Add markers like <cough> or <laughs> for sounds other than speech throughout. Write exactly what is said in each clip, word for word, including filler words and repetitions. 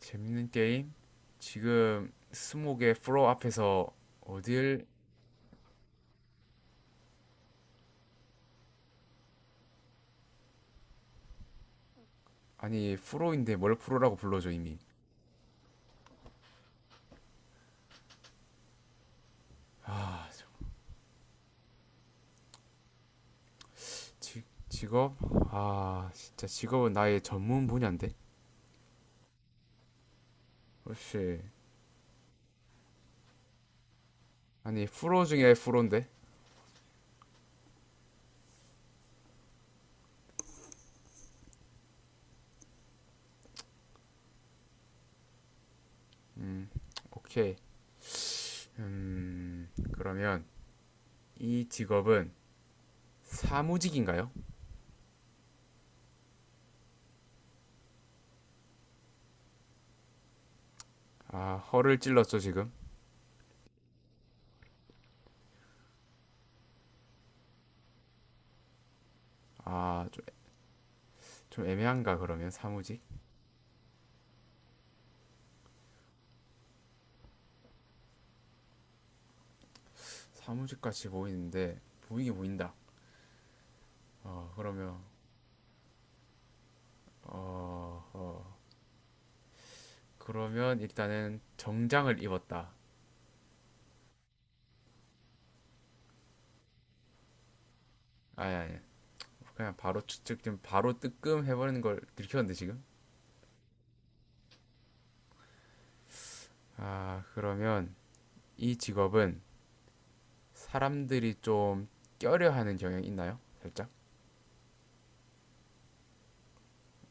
재밌는 게임? 지금 스모의 프로 앞에서 어딜. 아니 프로인데 뭘 프로라고 불러줘 이미. 아 지, 직업? 아 진짜 직업은 나의 전문 분야인데 혹시. 아니 프로 중에 프로인데. 오케이. 음 그러면 이 직업은 사무직인가요? 아 허를 찔렀죠 지금. 아좀 좀좀 애매한가 그러면 사무직? 사무직 같이 보이는데 보이게 보인다. 어 그러면 어, 어 그러면 일단은 정장을 입었다. 아니, 아니. 그냥 바로 추측, 좀 바로 뜨끔 해버리는 걸 들켰는데, 지금? 아, 그러면 이 직업은 사람들이 좀 껴려하는 경향이 있나요? 살짝?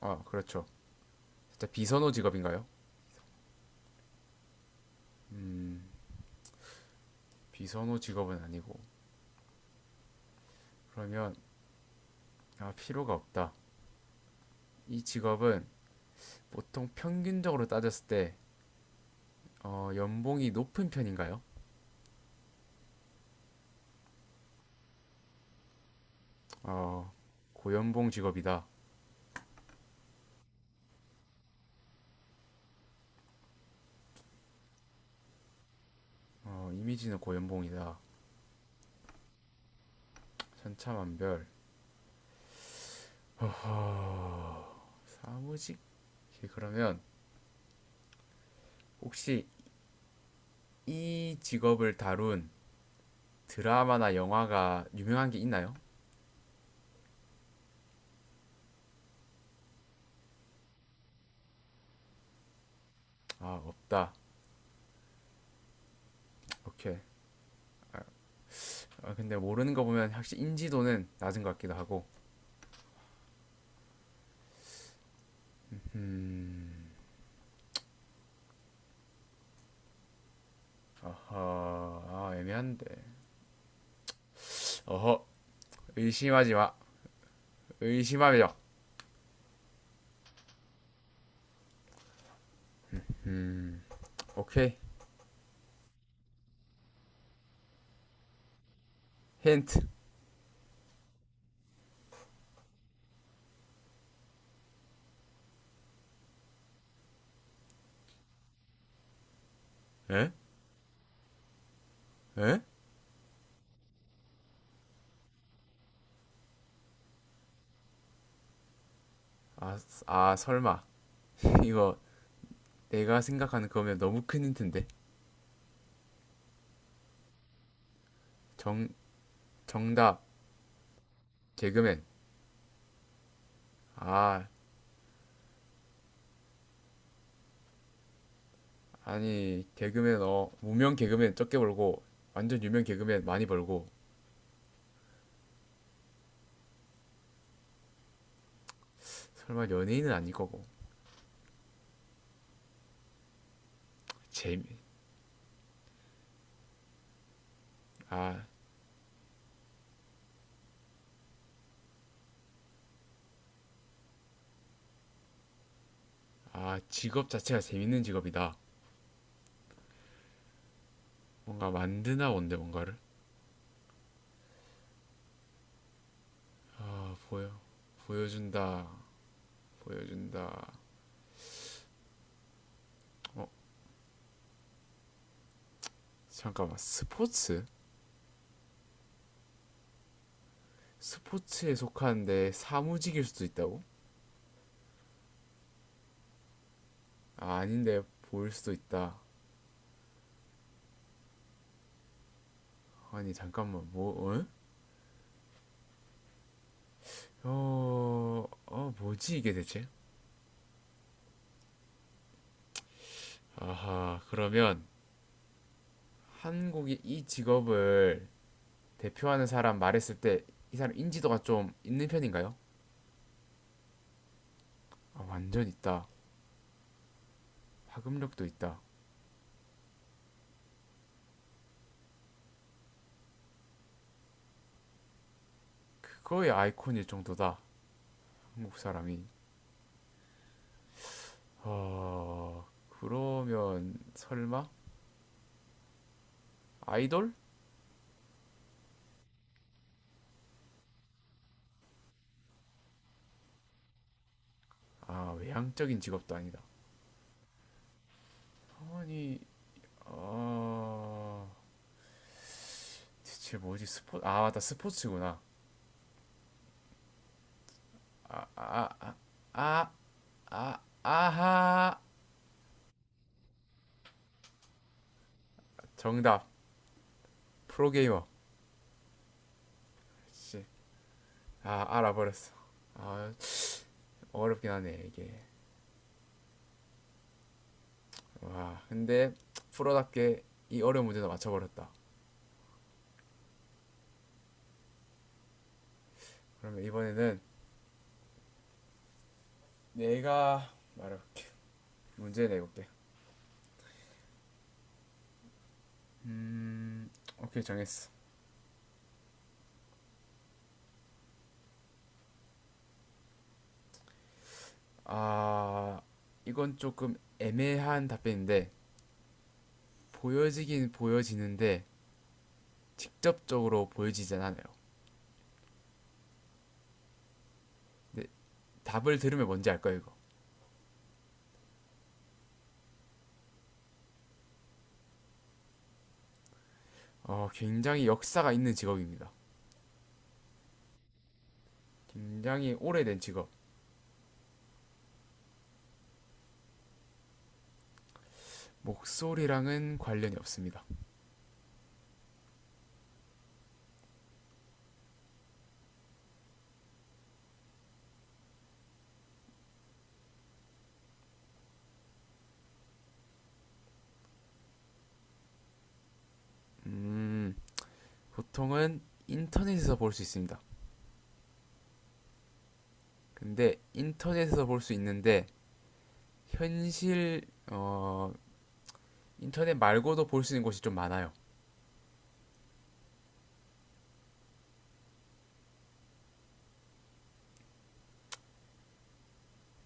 아, 그렇죠. 살짝 비선호 직업인가요? 음, 비선호 직업은 아니고. 그러면, 아, 필요가 없다. 이 직업은 보통 평균적으로 따졌을 때, 어, 연봉이 높은 편인가요? 어, 고연봉 직업이다. 어, 이미지는 고연봉이다. 천차만별. 사무직? 예, 그러면 혹시 이 직업을 다룬 드라마나 영화가 유명한 게 있나요? 아, 없다. 오케이. 아, 근데 모르는 거 보면 확실히 인지도는 낮은 것 같기도 하고. 어허. 아, 애매한데. 어허. 의심하지 마. 의심하며. 오케이. 힌트. 에? 에? 아, 아, 설마. <laughs> 이거 내가 생각하는 그거면 너무 큰 힌트인데. 정, 정답. 개그맨. 아, 아니 개그맨 어 무명 개그맨 적게 벌고 완전 유명 개그맨 많이 벌고. 설마 연예인은 아닐 거고. 재미 아, 아 직업 자체가 재밌는 직업이다. 뭔가 만드나 뭔데 뭔가를. 아 보여 보여준다. 보여준다. 어 잠깐만 스포츠. 스포츠에 속하는데 사무직일 수도 있다고. 아, 아닌데 보일 수도 있다. 아니 잠깐만 뭐 어? 어, 어 뭐지 이게 대체. 아하 그러면 한국이 이 직업을 대표하는 사람 말했을 때 이 사람 인지도가 좀 있는 편인가요? 아, 완전 있다. 파급력도 있다. 그거의 아이콘일 정도다. 한국 사람이. 아, 그러면 설마 아이돌? 아, 외향적인 직업도 아니다. 아니, 아, 대체 뭐지? 스포, 아, 맞다. 스포츠구나. 아, 아, 아, 아, 아, 아하. 정답. 프로게이머. 씨. 아 알아버렸어. 아 어렵긴 하네 이게. 와 근데 프로답게 이 어려운 문제도 맞춰버렸다. 그러면 이번에는 내가 말해볼게. 문제 내볼게. 음 오케이 정했어. 아 이건 조금 애매한 답변인데 보여지긴 보여지는데 직접적으로 보여지진 않아요. 근데 답을 들으면 뭔지 알 거예요 이거. 어 굉장히 역사가 있는 직업입니다. 굉장히 오래된 직업. 목소리랑은 관련이 없습니다. 음, 보통은 인터넷에서 볼 수 있습니다. 근데 인터넷에서 볼 수 있는데 현실 어 인터넷 말고도 볼 수 있는 곳이 좀 많아요.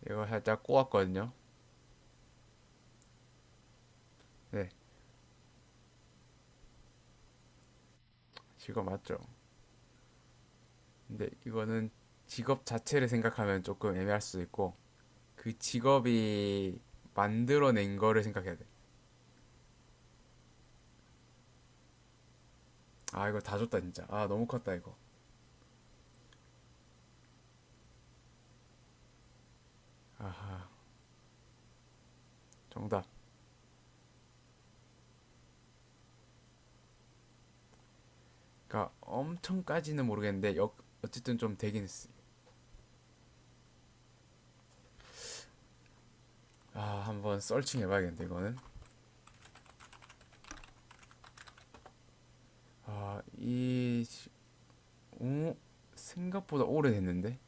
이거 살짝 꼬았거든요. 네, 직업 맞죠? 근데 이거는 직업 자체를 생각하면 조금 애매할 수도 있고 그 직업이 만들어낸 거를 생각해야 돼. 아 이거 다 줬다 진짜. 아 너무 컸다 이거. 아 정답. 그러니까 엄청까지는 모르겠는데 역- 어쨌든 좀 되긴 했어. 아 한번 썰칭 해봐야겠는데 이거는. 아, 이, 어? 생각보다 오래됐는데?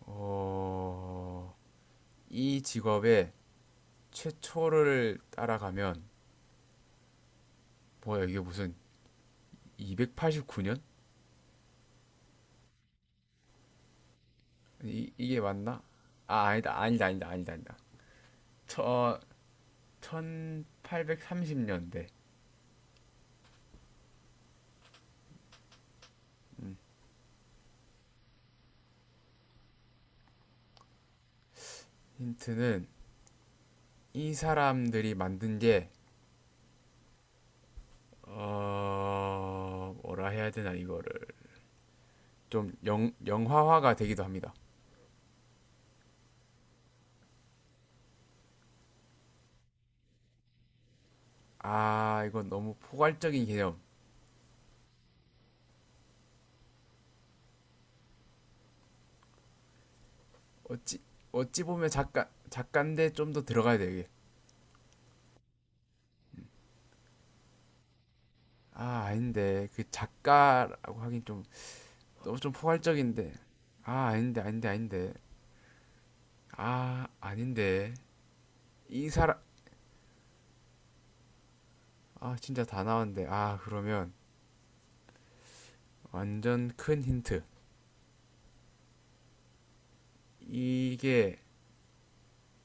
어, 이 직업의 최초를 따라가면, 뭐야, 이게 무슨 이백팔십구 년? 이, 이게 맞나? 아, 아니다, 아니다, 아니다, 아니다, 아니다. 저, 천팔백삼십 년대. 힌트는, 이 사람들이 만든 게, 어, 뭐라 해야 되나, 이거를. 좀 영, 영화화가 되기도 합니다. 아, 이건 너무 포괄적인 개념. 어찌 어찌 보면 작가 작가인데 좀 더 들어가야 돼 이게. 아 아닌데 그 작가라고 하긴 좀 너무 좀 포괄적인데. 아 아닌데 아닌데 아닌데. 아 아닌데 이 사람. 아 진짜 다 나왔는데 아 그러면 완전 큰 힌트 이게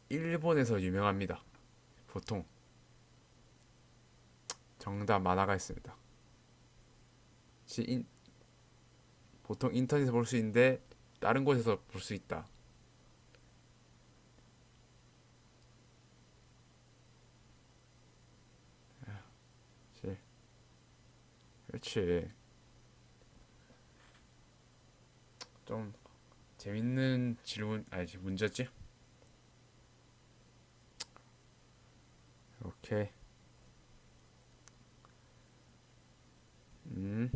일본에서 유명합니다. 보통 정답 만화가 있습니다. 인- 보통 인터넷에서 볼 수 있는데 다른 곳에서 볼 수 있다. 그렇지. 좀 재밌는 질문 아니지 문제지? 오케이. 음.